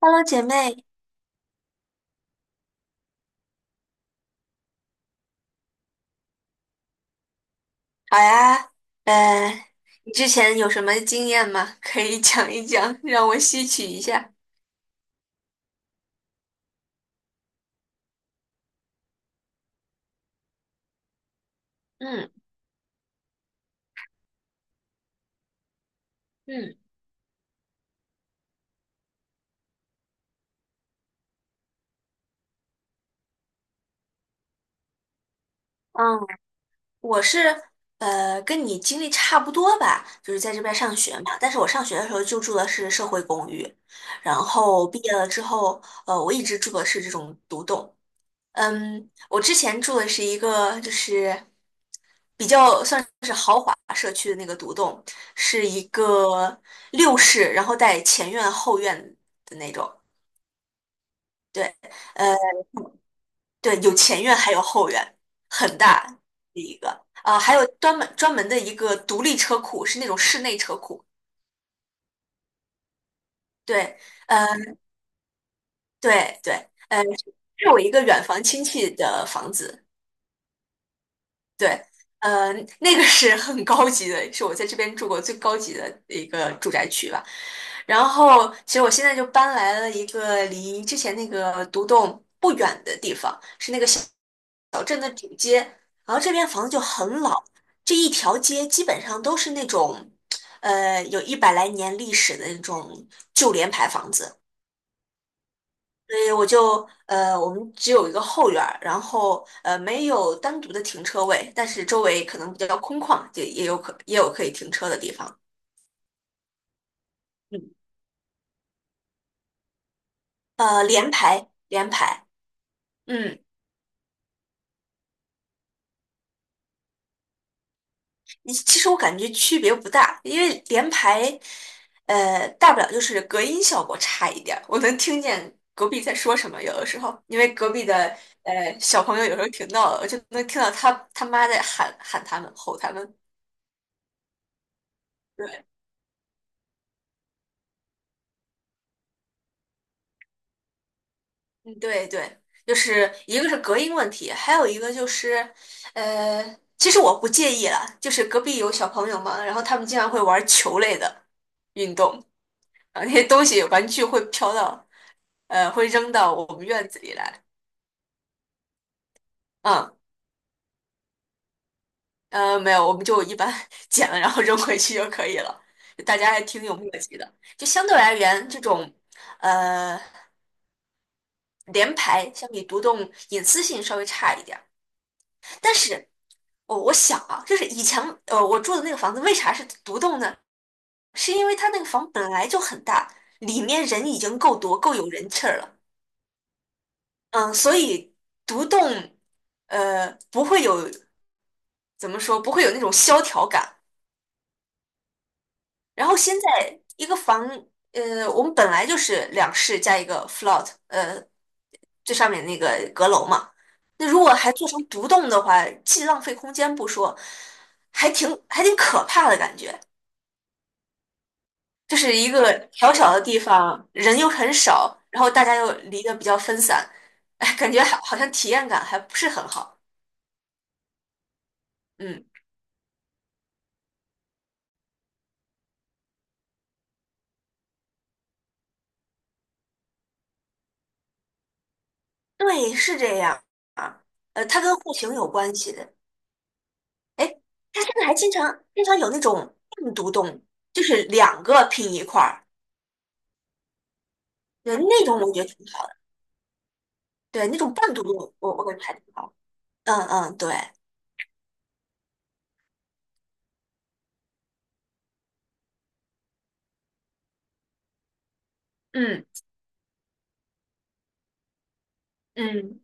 Hello,姐妹，好呀。呃，你之前有什么经验吗？可以讲一讲，让我吸取一下。嗯嗯嗯，我是跟你经历差不多吧，就是在这边上学嘛。但是我上学的时候就住的是社会公寓，然后毕业了之后，我一直住的是这种独栋。嗯，我之前住的是一个就是比较算是豪华社区的那个独栋，是一个六室，然后带前院后院的那种。对，呃，对，有前院还有后院，很大的一个。还有专门的一个独立车库，是那种室内车库。对，呃，对对，呃，是我一个远房亲戚的房子。对，呃，那个是很高级的，是我在这边住过最高级的一个住宅区吧。然后，其实我现在就搬来了一个离之前那个独栋不远的地方，是那个小。然后这边房子就很老，这一条街基本上都是那种，有一百来年历史的那种旧联排房子。所以我就我们只有一个后院儿，然后没有单独的停车位，但是周围可能比较空旷，也有也有可以停车的地方。嗯，联排，嗯，其实我感觉区别不大，因为联排大不了就是隔音效果差一点儿，我能听见隔壁在说什么，有的时候因为隔壁的小朋友有时候挺闹的，我就能听到他妈在喊他们吼他们。对。嗯，对对，就是一个是隔音问题，还有一个就是，呃，其实我不介意啦，就是隔壁有小朋友嘛，然后他们经常会玩球类的运动，啊，那些东西玩具会飘到，会扔到我们院子里来，嗯，没有，我们就一般 捡了然后扔回去就可以了，大家还挺有默契的，就相对而言，这种，呃，联排相比独栋隐私性稍微差一点儿，但是。我我想啊，就是以前我住的那个房子为啥是独栋呢？是因为它那个房本来就很大，里面人已经够多，够有人气儿了。嗯，所以独栋不会有怎么说，不会有那种萧条感。然后现在一个房我们本来就是两室加一个 float,最上面那个阁楼嘛。那如果还做成独栋的话，既浪费空间不说，还挺可怕的感觉。就是一个小小的地方，人又很少，然后大家又离得比较分散，哎，感觉好好像体验感还不是很好。嗯，对，是这样啊。它跟户型有关系的。哎，它现在还经常有那种半独栋，就是两个拼一块儿，对，那种我觉得挺好的。对，那种半独栋，我我感觉还挺好。嗯嗯，对，嗯嗯，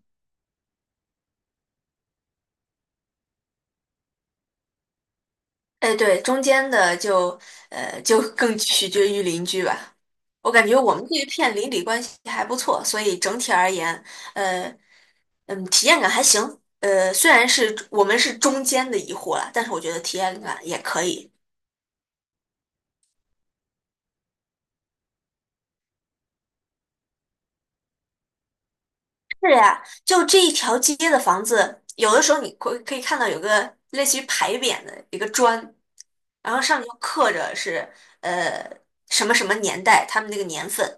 哎，对，中间的就就更取决于邻居吧。我感觉我们这一片邻里关系还不错，所以整体而言，呃，嗯，体验感还行。虽然是我们是中间的一户了，但是我觉得体验感也可以。是呀，就这一条街的房子，有的时候你可以看到有个类似于牌匾的一个砖，然后上面就刻着是呃什么什么年代，他们那个年份。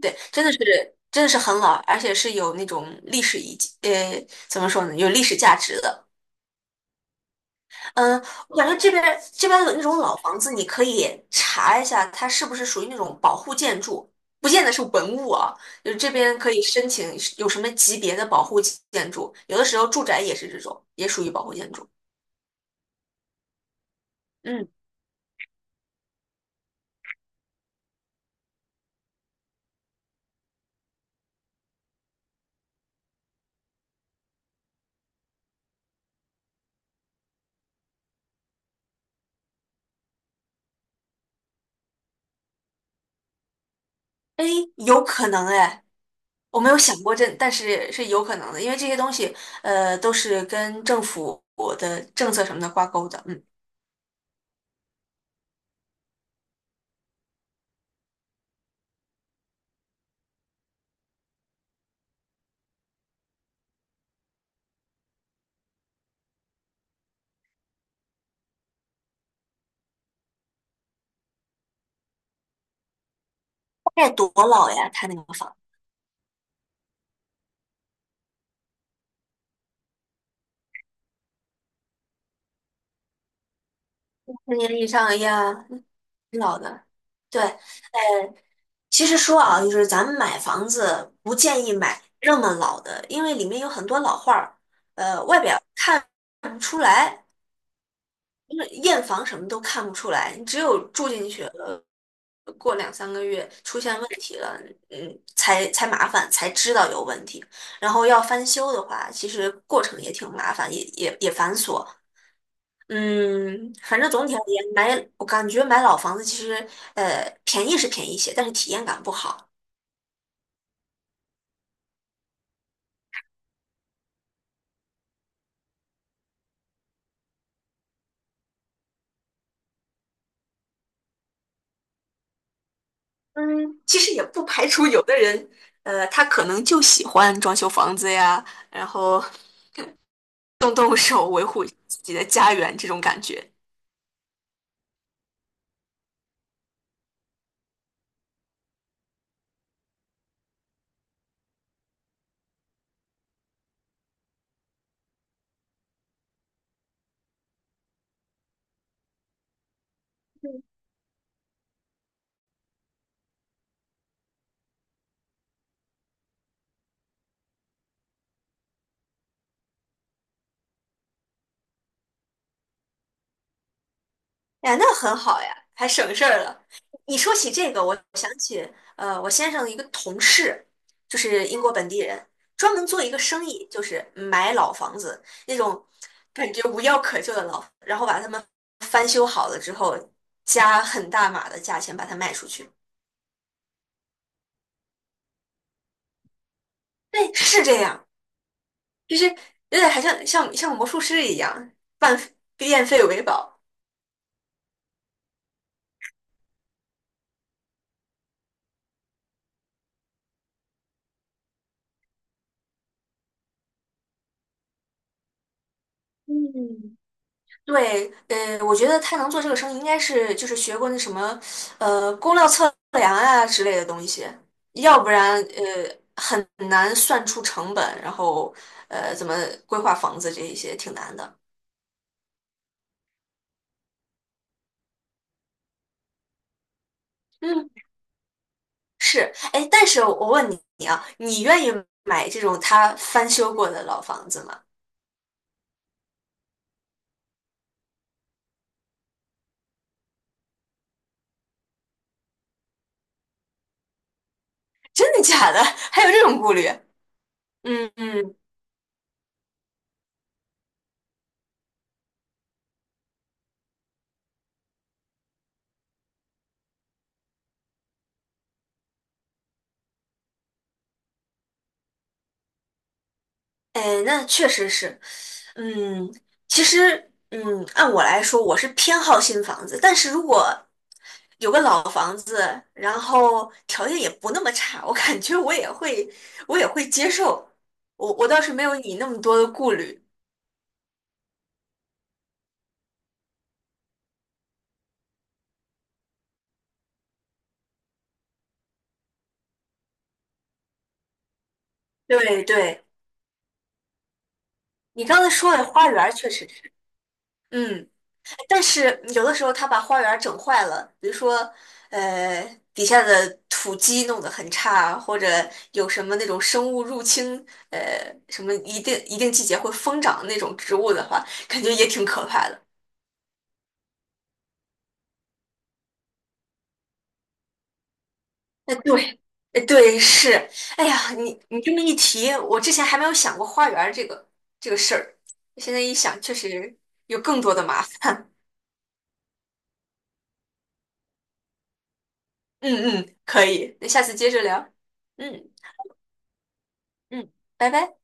对，真的是很老，而且是有那种历史遗迹，怎么说呢，有历史价值的。嗯，我感觉这边的那种老房子，你可以查一下，它是不是属于那种保护建筑，不见得是文物啊。就是这边可以申请有什么级别的保护建筑，有的时候住宅也是这种，也属于保护建筑。嗯，哎，有可能哎，我没有想过这，但是是有可能的，因为这些东西都是跟政府的政策什么的挂钩的。嗯，大概多老呀？他那个房，十年以上呀，嗯挺老的。对，其实说啊，就是咱们买房子不建议买那么老的，因为里面有很多老话儿，外表看不出来，因为验房什么都看不出来，你只有住进去了，过两三个月出现问题了，嗯，才麻烦，才知道有问题。然后要翻修的话，其实过程也挺麻烦，也繁琐。嗯，反正总体而言，我感觉买老房子其实，便宜是便宜些，但是体验感不好。嗯，其实也不排除有的人，他可能就喜欢装修房子呀，然后 动手维护自己的家园这种感觉。呀，那很好呀，还省事儿了。你说起这个，我我先生的一个同事就是英国本地人，专门做一个生意，就是买老房子那种感觉无药可救的老，然后把他们翻修好了之后，加很大码的价钱把它卖出去。对，是这样。就是有点还像像魔术师一样，半变废为宝。嗯，对，我觉得他能做这个生意，应该是就是学过那什么，工料测量啊之类的东西，要不然很难算出成本，然后怎么规划房子这一些挺难的。嗯，是，哎，但是我问你啊，你愿意买这种他翻修过的老房子吗？真的假的？还有这种顾虑？嗯嗯。哎，那确实是，嗯，其实，嗯，按我来说，我是偏好新房子，但是如果有个老房子，然后条件也不那么差，我感觉我也会，我也会接受。我我倒是没有你那么多的顾虑。对对，你刚才说的花园儿确实是，嗯。但是有的时候他把花园整坏了，比如说，呃，底下的土基弄得很差，或者有什么那种生物入侵，呃，什么一定季节会疯长的那种植物的话，感觉也挺可怕的。哎，对，哎，对，是，哎呀，你这么一提，我之前还没有想过花园儿这个事儿，现在一想，确实有更多的麻烦。嗯嗯，可以，那下次接着聊。嗯嗯，拜拜。